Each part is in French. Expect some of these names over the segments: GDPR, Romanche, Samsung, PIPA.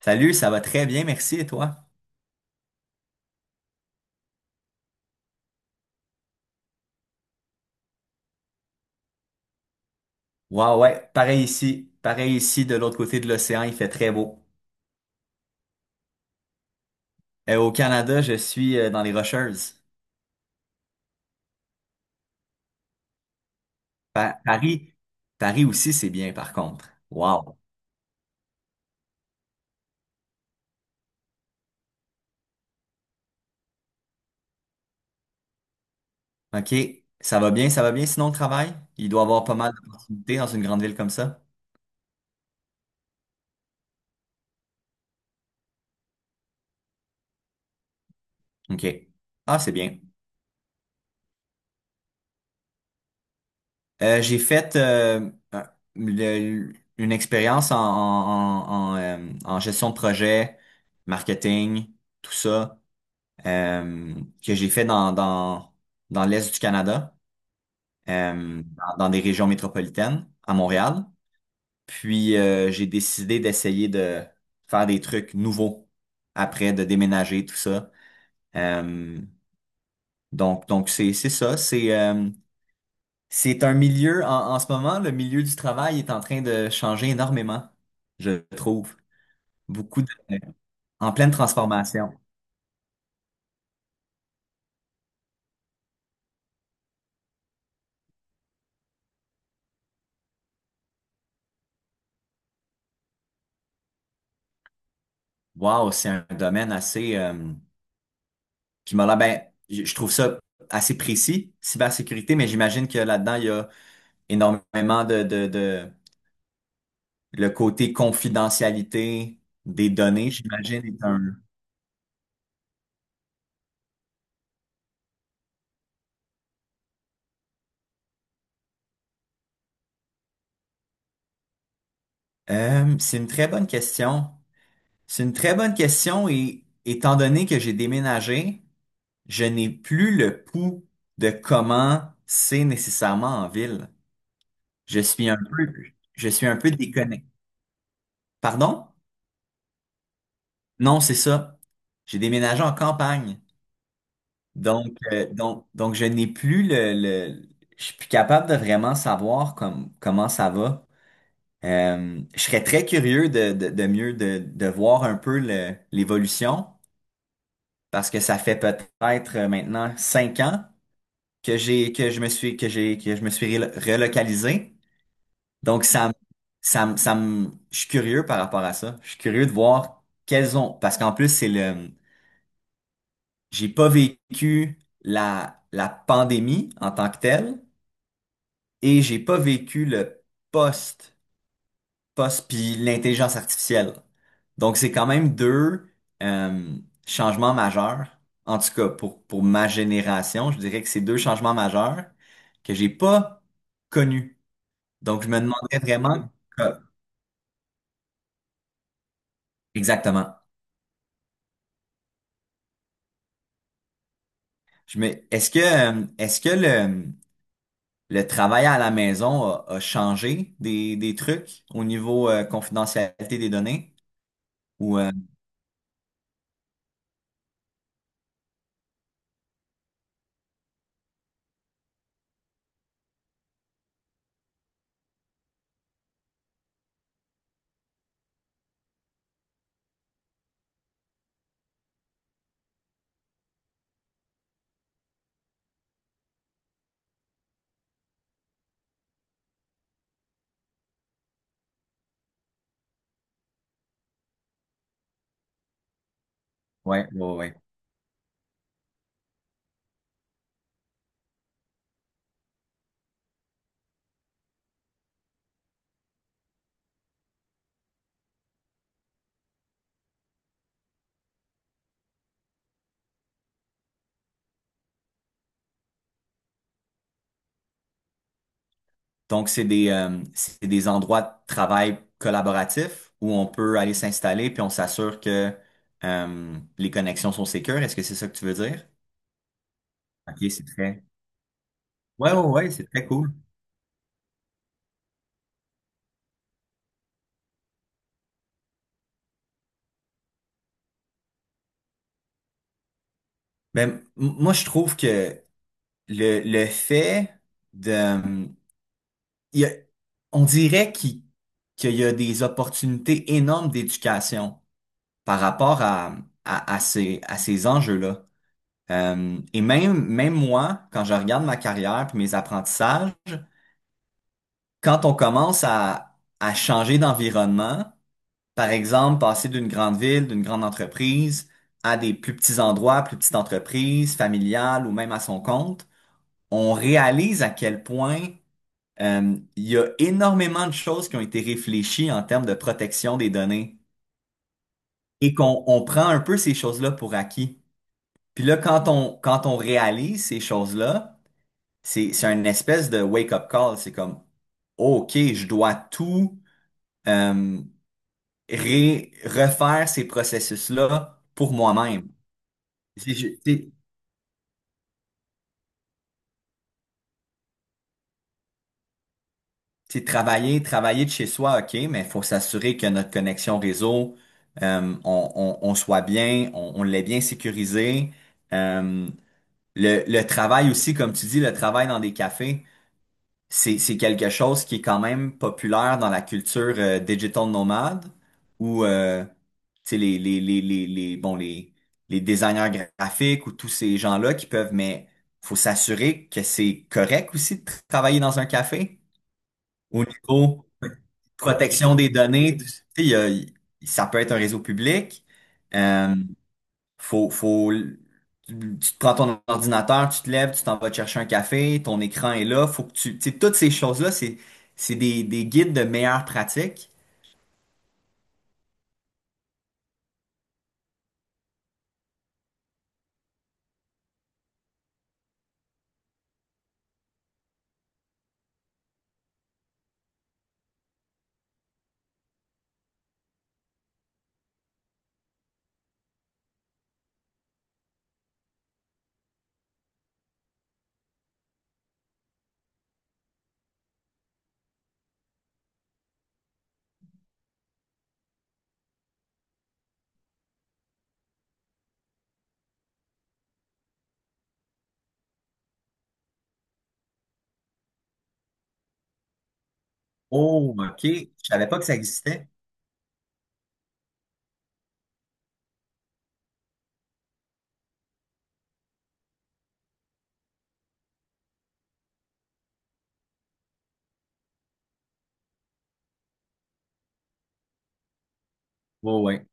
Salut, ça va très bien, merci, et toi? Ouais, ouais, pareil ici. Pareil ici, de l'autre côté de l'océan, il fait très beau. Au Canada, je suis dans les Rocheuses. Pa- Paris, Paris aussi, c'est bien par contre. Wow. OK, ça va bien, sinon le travail? Il doit y avoir pas mal d'opportunités dans une grande ville comme ça. OK. Ah, c'est bien. J'ai fait le- une expérience en gestion de projet, marketing, tout ça. euh, que j'ai fait dans l'Est du Canada, dans des régions métropolitaines, à Montréal. Puis j'ai décidé d'essayer de faire des trucs nouveaux après, de déménager, tout ça. Euh, donc c'est ça. C'est un milieu, en ce moment, le milieu du travail est en train de changer énormément, je trouve. Beaucoup de, en pleine transformation. Wow, c'est un domaine assez. Puis je me demandais, ben, je trouve ça assez précis, cybersécurité, mais j'imagine que là-dedans, il y a énormément le côté confidentialité des données, j'imagine, est un. C'est une très bonne question. C'est une très bonne question et étant donné que j'ai déménagé, je n'ai plus le pouls de comment c'est nécessairement en ville. Je suis un peu, je suis un peu déconnecté. Pardon? Non, c'est ça. J'ai déménagé en campagne. Donc je n'ai plus je suis plus capable de vraiment savoir comment ça va. Je serais très curieux de mieux de voir un peu l'évolution parce que ça fait peut-être maintenant cinq ans que je me suis relo- relocalisé. Donc ça me- ça me- ça me je suis curieux par rapport à ça. Je suis curieux de voir quelles ont parce qu'en plus c'est le j'ai pas vécu la pandémie en tant que telle. Et j'ai pas vécu le post, post puis l'intelligence artificielle. Donc c'est quand même deux euh, changements majeurs. En tout cas, pour ma génération, je dirais que c'est deux changements majeurs que j'ai pas connus. Donc je me demanderais vraiment. Ok. Exactement. Je me, Est-ce que est-ce que le travail à la maison a changé des trucs au niveau confidentialité des données? Ou ouais, ouais, ouais. Donc, c'est des endroits de travail collaboratifs où on peut aller s'installer puis on s'assure que les connexions sont sécures. Est-ce que c'est ça que tu veux dire? OK, c'est très. Ouais, ouais, ouais, c'est très cool. Mais moi, je trouve que le fait de. il y a- on dirait qu'il y a des opportunités énormes d'éducation par rapport à ces enjeux-là. Et même moi, quand je regarde ma carrière puis mes apprentissages, quand on commence à changer d'environnement, par exemple, passer d'une grande ville, d'une grande entreprise, à des plus petits endroits, plus petites entreprises, familiales ou même à son compte, on réalise à quel point il y a énormément de choses qui ont été réfléchies en termes de protection des données et qu'on on prend un peu ces choses-là pour acquis. Puis là, quand on réalise ces choses-là, c'est une espèce de wake-up call. C'est comme, OK, je dois tout. euh, Refaire ces processus-là pour moi-même. C'est ju- c'est- c'est travailler de chez soi, OK, mais il faut s'assurer que notre connexion réseau, on soit bien, on l'ait bien sécurisé. Euh, le travail aussi, comme tu dis, le travail dans des cafés. C'est quelque chose qui est quand même populaire dans la culture digital nomade où tu sais, les designers graphiques ou tous ces gens-là qui peuvent, mais faut s'assurer que c'est correct aussi de travailler dans un café au niveau protection des données. Tu sais, ça peut être un réseau public. Euh, faut, faut, tu tu te prends ton ordinateur, tu te lèves, tu t'en vas te chercher un café, ton écran est là, tu sais, toutes ces choses-là, c'est des guides de meilleures pratiques. Oh, OK. Je savais pas que ça existait. Oh, ouais.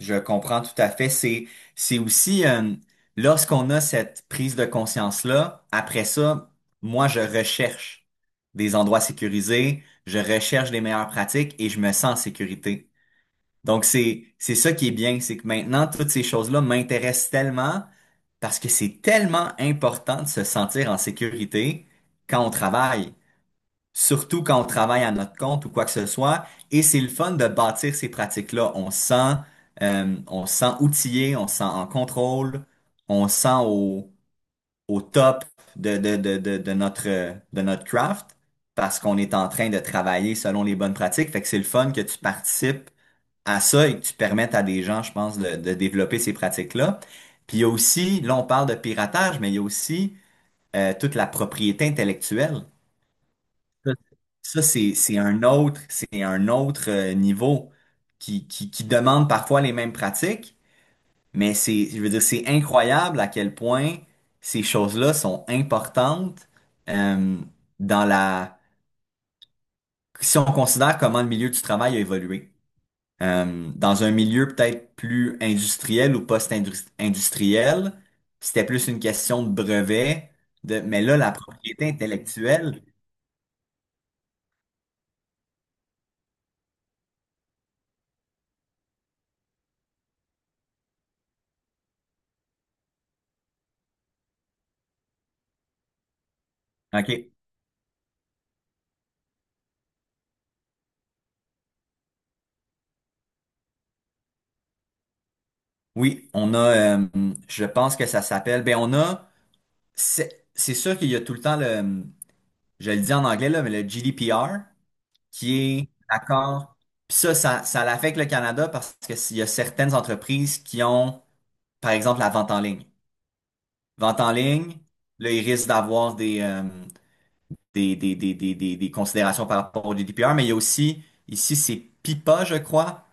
Je comprends tout à fait. C'est aussi, lorsqu'on a cette prise de conscience-là, après ça, moi, je recherche des endroits sécurisés, je recherche des meilleures pratiques et je me sens en sécurité. Donc, c'est ça qui est bien, c'est que maintenant, toutes ces choses-là m'intéressent tellement parce que c'est tellement important de se sentir en sécurité quand on travaille, surtout quand on travaille à notre compte ou quoi que ce soit. Et c'est le fun de bâtir ces pratiques-là. On se sent outillé, on se sent en contrôle, on se sent au top de notre craft parce qu'on est en train de travailler selon les bonnes pratiques. Fait que c'est le fun que tu participes à ça et que tu permettes à des gens, je pense, de développer ces pratiques-là. Puis il y a aussi, là, on parle de piratage, mais il y a aussi toute la propriété intellectuelle. Ça, c'est un autre niveau qui demande parfois les mêmes pratiques, mais c'est, je veux dire, c'est incroyable à quel point ces choses-là sont importantes, euh, dans la, si on considère comment le milieu du travail a évolué. Dans un milieu peut-être plus industriel ou post-industriel, c'était plus une question de brevet. De. Mais là, la propriété intellectuelle. OK. Oui, euh, je pense que ça s'appelle, ben c'est sûr qu'il y a tout le temps je le dis en anglais là, mais le GDPR, qui est l'accord. Puis ça l'affecte le Canada parce que s'il y a certaines entreprises qui ont, par exemple, la vente en ligne. Vente en ligne, là, ils risquent d'avoir des considérations par rapport au GDPR, mais il y a aussi, ici, c'est PIPA, je crois,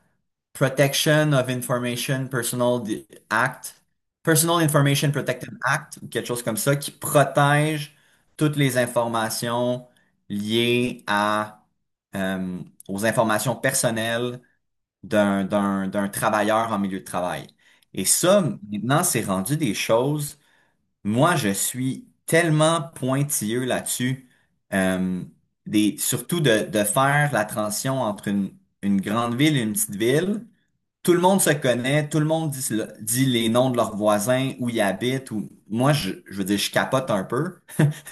Protection of Information Personal Act, Personal Information Protection Act, ou quelque chose comme ça, qui protège toutes les informations liées euh, aux informations personnelles d'un travailleur en milieu de travail. Et ça, maintenant, c'est rendu des choses. Moi, je suis tellement pointilleux là-dessus, euh, surtout de faire la transition entre une grande ville et une petite ville. Tout le monde se connaît, tout le monde dit les noms de leurs voisins, où ils habitent, ou moi, je veux dire, je capote un peu.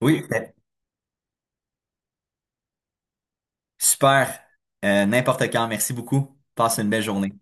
Oui, ben, super. N'importe quand. Merci beaucoup. Passe une belle journée.